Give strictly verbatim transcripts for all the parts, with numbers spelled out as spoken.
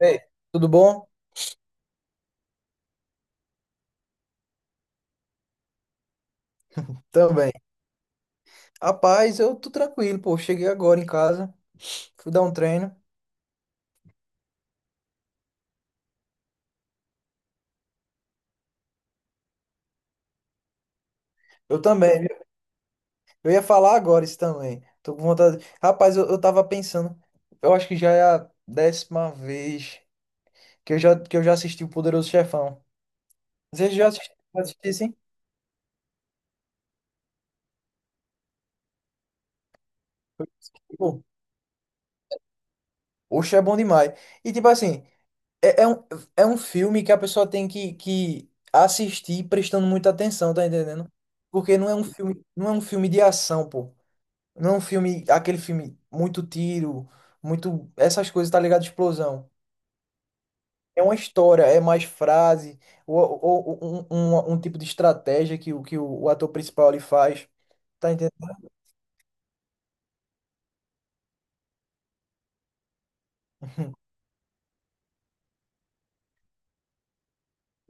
Ei, tudo bom? Também. Rapaz, eu tô tranquilo, pô. Cheguei agora em casa, fui dar um treino. Eu também, viu? Eu ia falar agora isso também. Tô com vontade. Rapaz, eu, eu tava pensando. Eu acho que já é a décima vez que eu já, que eu já assisti o Poderoso Chefão. Vocês já assisti- já assistiram, sim? Pô, oxe, é bom demais. E tipo assim, é, é um, é um filme que a pessoa tem que, que assistir prestando muita atenção, tá entendendo? Porque não é um filme, não é um filme de ação, pô. Não é um filme, aquele filme, muito tiro, muito. Essas coisas, tá ligado? Explosão. É uma história, é mais frase, ou, ou- ou um, um- um tipo de estratégia que, o, que o, o ator principal ele faz. Tá entendendo?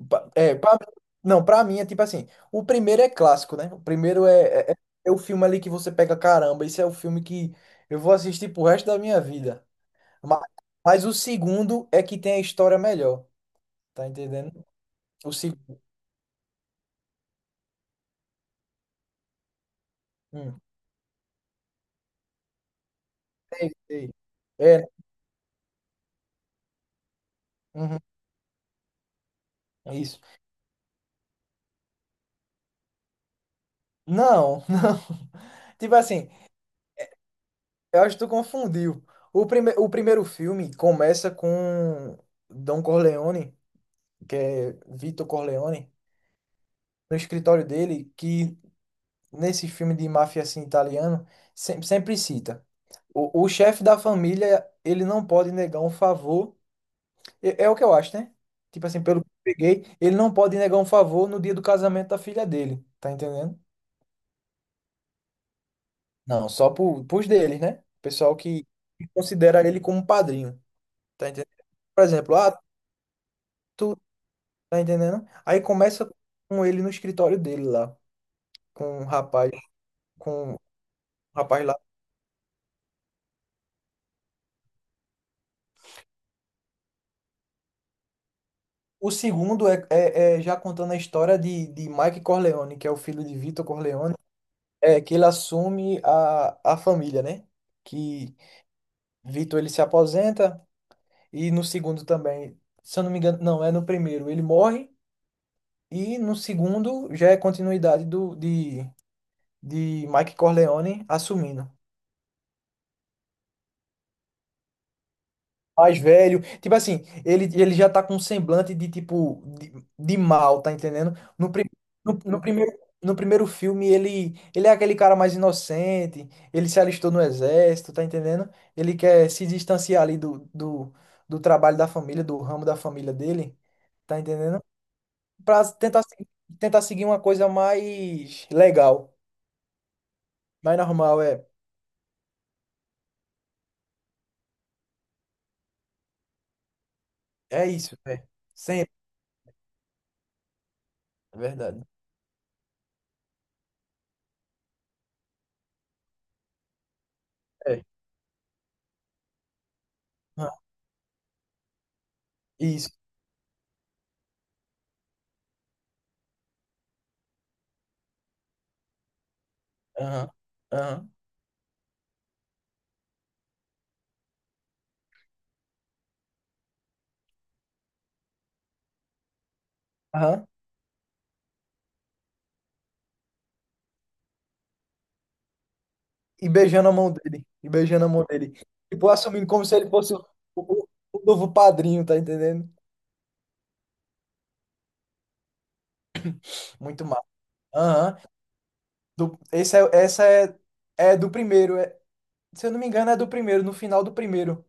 Pa- É, pra, não, pra mim é tipo assim: o primeiro é clássico, né? O primeiro é, é, é é o filme ali que você pega, caramba, esse é o filme que eu vou assistir pro resto da minha vida. Mas, mas o segundo é que tem a história melhor, tá entendendo? O segundo. Hum, sei, sei. É, uhum, é isso. Não, não. Tipo assim, eu acho que tu confundiu. O, prime o primeiro filme começa com Don Corleone, que é Vito Corleone, no escritório dele, que nesse filme de máfia assim, italiano, sempre, sempre cita. O, o chefe da família, ele não pode negar um favor. É, é o que eu acho, né? Tipo assim, pelo que eu peguei, ele não pode negar um favor no dia do casamento da filha dele. Tá entendendo? Não, só pro, pros deles, né? O pessoal que que considera ele como padrinho. Tá entendendo? Por exemplo, ah, tu tá entendendo? Aí começa com ele no escritório dele lá, com o rapaz, com o rapaz lá. O segundo é, é, é já contando a história de, de Mike Corleone, que é o filho de Vitor Corleone, é que ele assume a, a família, né? Que Vitor ele se aposenta e no segundo também, se eu não me engano, não, é no primeiro, ele morre e no segundo já é continuidade do de, de Mike Corleone assumindo. Mais velho. Tipo assim, ele, ele já tá com um semblante de tipo de, de mal, tá entendendo? No, pri- no, no primeiro no primeiro filme ele ele é aquele cara mais inocente, ele se alistou no exército, tá entendendo? Ele quer se distanciar ali do, do, do trabalho da família, do ramo da família dele, tá entendendo? Pra tentar se- tentar seguir uma coisa mais legal, mais normal, é. É isso, é. Sempre, é verdade. É. Aham, isso. Aham. Aham. Aham. e beijando a mão dele, e beijando a mão dele. Tipo, assumindo como se ele fosse o, o- o novo padrinho, tá entendendo? Muito mal. Aham. Do- Esse é, essa é, é do primeiro. É- se eu não me engano, é do primeiro, no final do primeiro.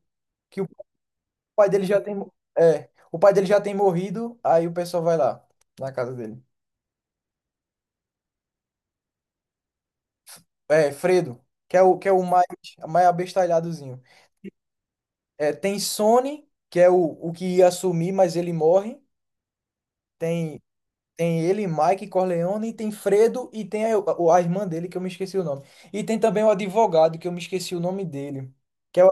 Que o pai dele já tem. mo- É, o pai dele já tem morrido, aí o pessoal vai lá, na casa dele. É, Fredo, que é o, que é o mais, mais abestalhadozinho. É, tem Sony, que é o, o que ia assumir, mas ele morre. Tem Tem ele, Mike Corleone, e tem Fredo e tem a, o- a irmã dele, que eu me esqueci o nome. E tem também o advogado, que eu me esqueci o nome dele, que é o,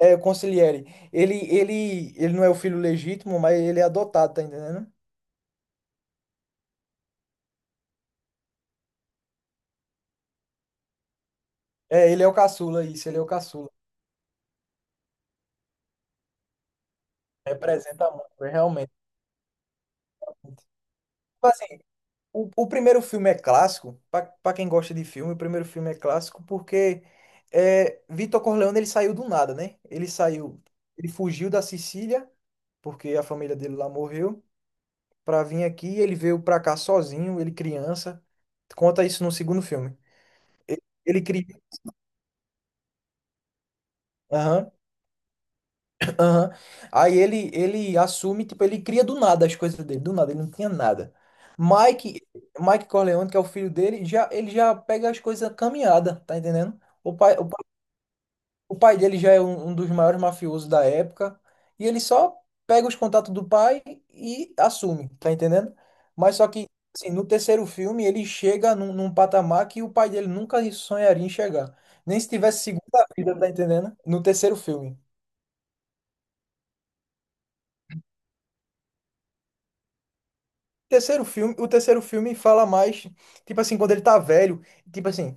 é o Consigliere. Ele, ele, ele não é o filho legítimo, mas ele é adotado, tá entendendo? É, ele é o caçula, isso, ele é o caçula. Representa muito, é, realmente. Tipo assim, o, o primeiro filme é clássico, pra pra quem gosta de filme, o primeiro filme é clássico porque é, Vitor Corleone ele saiu do nada, né? Ele saiu, ele fugiu da Sicília, porque a família dele lá morreu, para vir aqui. Ele veio para cá sozinho, ele criança. Conta isso no segundo filme. Ele cria. Aham, aham. Aí ele, ele assume, tipo, ele cria do nada as coisas dele, do nada, ele não tinha nada. Mike, Mike Corleone, que é o filho dele, já, ele já pega as coisas caminhada, tá entendendo? O pai, o O pai dele já é um, um dos maiores mafiosos da época. E ele só pega os contatos do pai e assume, tá entendendo? Mas só que, assim, no terceiro filme, ele chega num, num patamar que o pai dele nunca sonharia em chegar. Nem se tivesse segunda vida, tá entendendo? No terceiro filme. Terceiro filme, o terceiro filme fala mais, tipo assim, quando ele tá velho, tipo assim,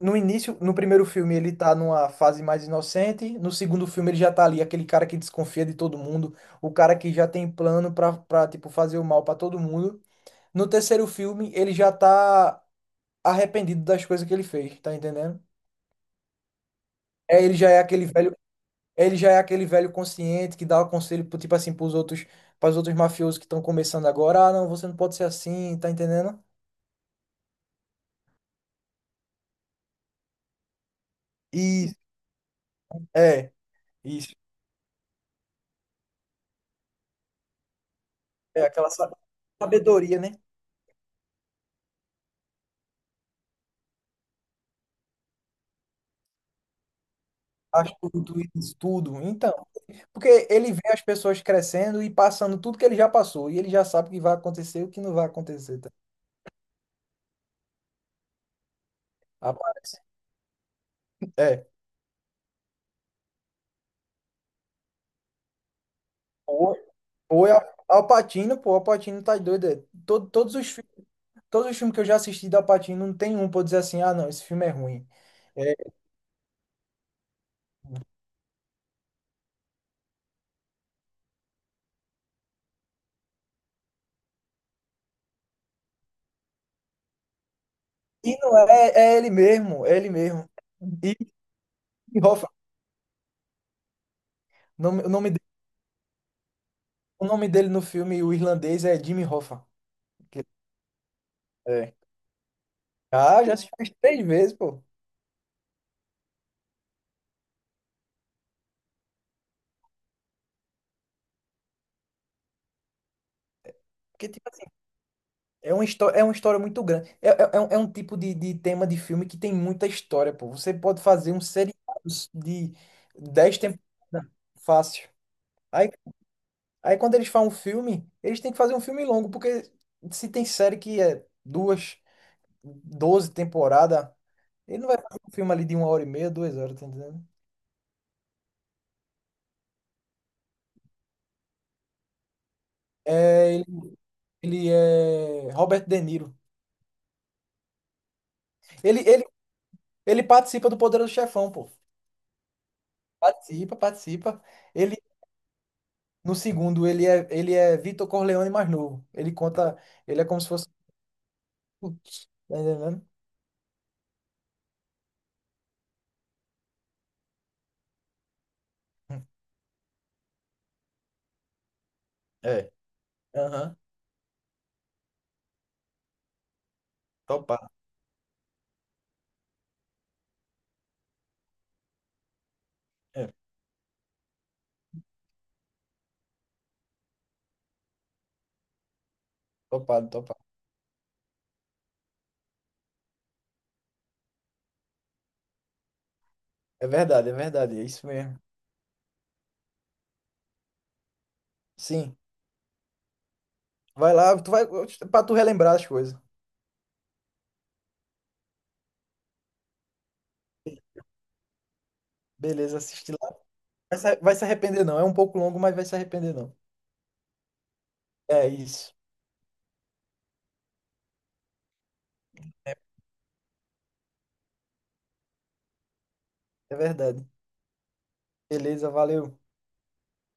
no início, no primeiro filme, ele tá numa fase mais inocente. No segundo filme, ele já tá ali, aquele cara que desconfia de todo mundo, o cara que já tem plano pra, pra tipo, fazer o mal pra todo mundo. No terceiro filme, ele já tá arrependido das coisas que ele fez, tá entendendo? É, ele já é aquele velho ele já é aquele velho consciente que dá o conselho, pro- tipo assim, pros outros, pros outros mafiosos que estão começando agora. Ah, não, você não pode ser assim, tá entendendo? Isso, é, isso. É aquela sa- sabedoria, né? Astuto, isso tudo. Então. Porque ele vê as pessoas crescendo e passando tudo que ele já passou. E ele já sabe o que vai acontecer e o que não vai acontecer. Tá? Aparece. É. Ou, ou é Al Pacino, pô, Al Pacino tá doido. É. Todo, todos os, fi- todos os filmes que eu já assisti do Al Pacino, não tem um pra eu dizer assim, ah, não, esse filme é ruim. É, e não é, é ele mesmo, é ele mesmo. E Jimmy Hoffa. O nome, o nome dele, o nome dele no filme, o irlandês, é Jimmy Hoffa. Que- É. Ah, já assisti umas três vezes, pô. Porque, tipo, É uma história, é uma história muito grande. É, é, é um é um tipo de, de tema de filme que tem muita história, pô. Você pode fazer um seriado de dez temporadas fácil. Aí, aí quando eles fazem um filme, eles têm que fazer um filme longo, porque se tem série que é duas, doze temporadas, ele não vai fazer um filme ali de uma hora e meia, duas horas, tá entendendo? É, ele, ele é Robert De Niro. Ele, ele, ele participa do Poderoso Chefão, pô. Participa, participa. Ele, No segundo, ele é, ele é Vitor Corleone mais novo. Ele conta, ele é como se fosse. Tá entendendo? É. Aham. Topado. É. Topado, topado. É verdade, é verdade. É isso mesmo. Sim. Vai lá, tu vai pra tu relembrar as coisas. Beleza, assiste lá. Vai se, vai se arrepender, não. É um pouco longo, mas vai se arrepender, não. É isso. É verdade. Beleza, valeu.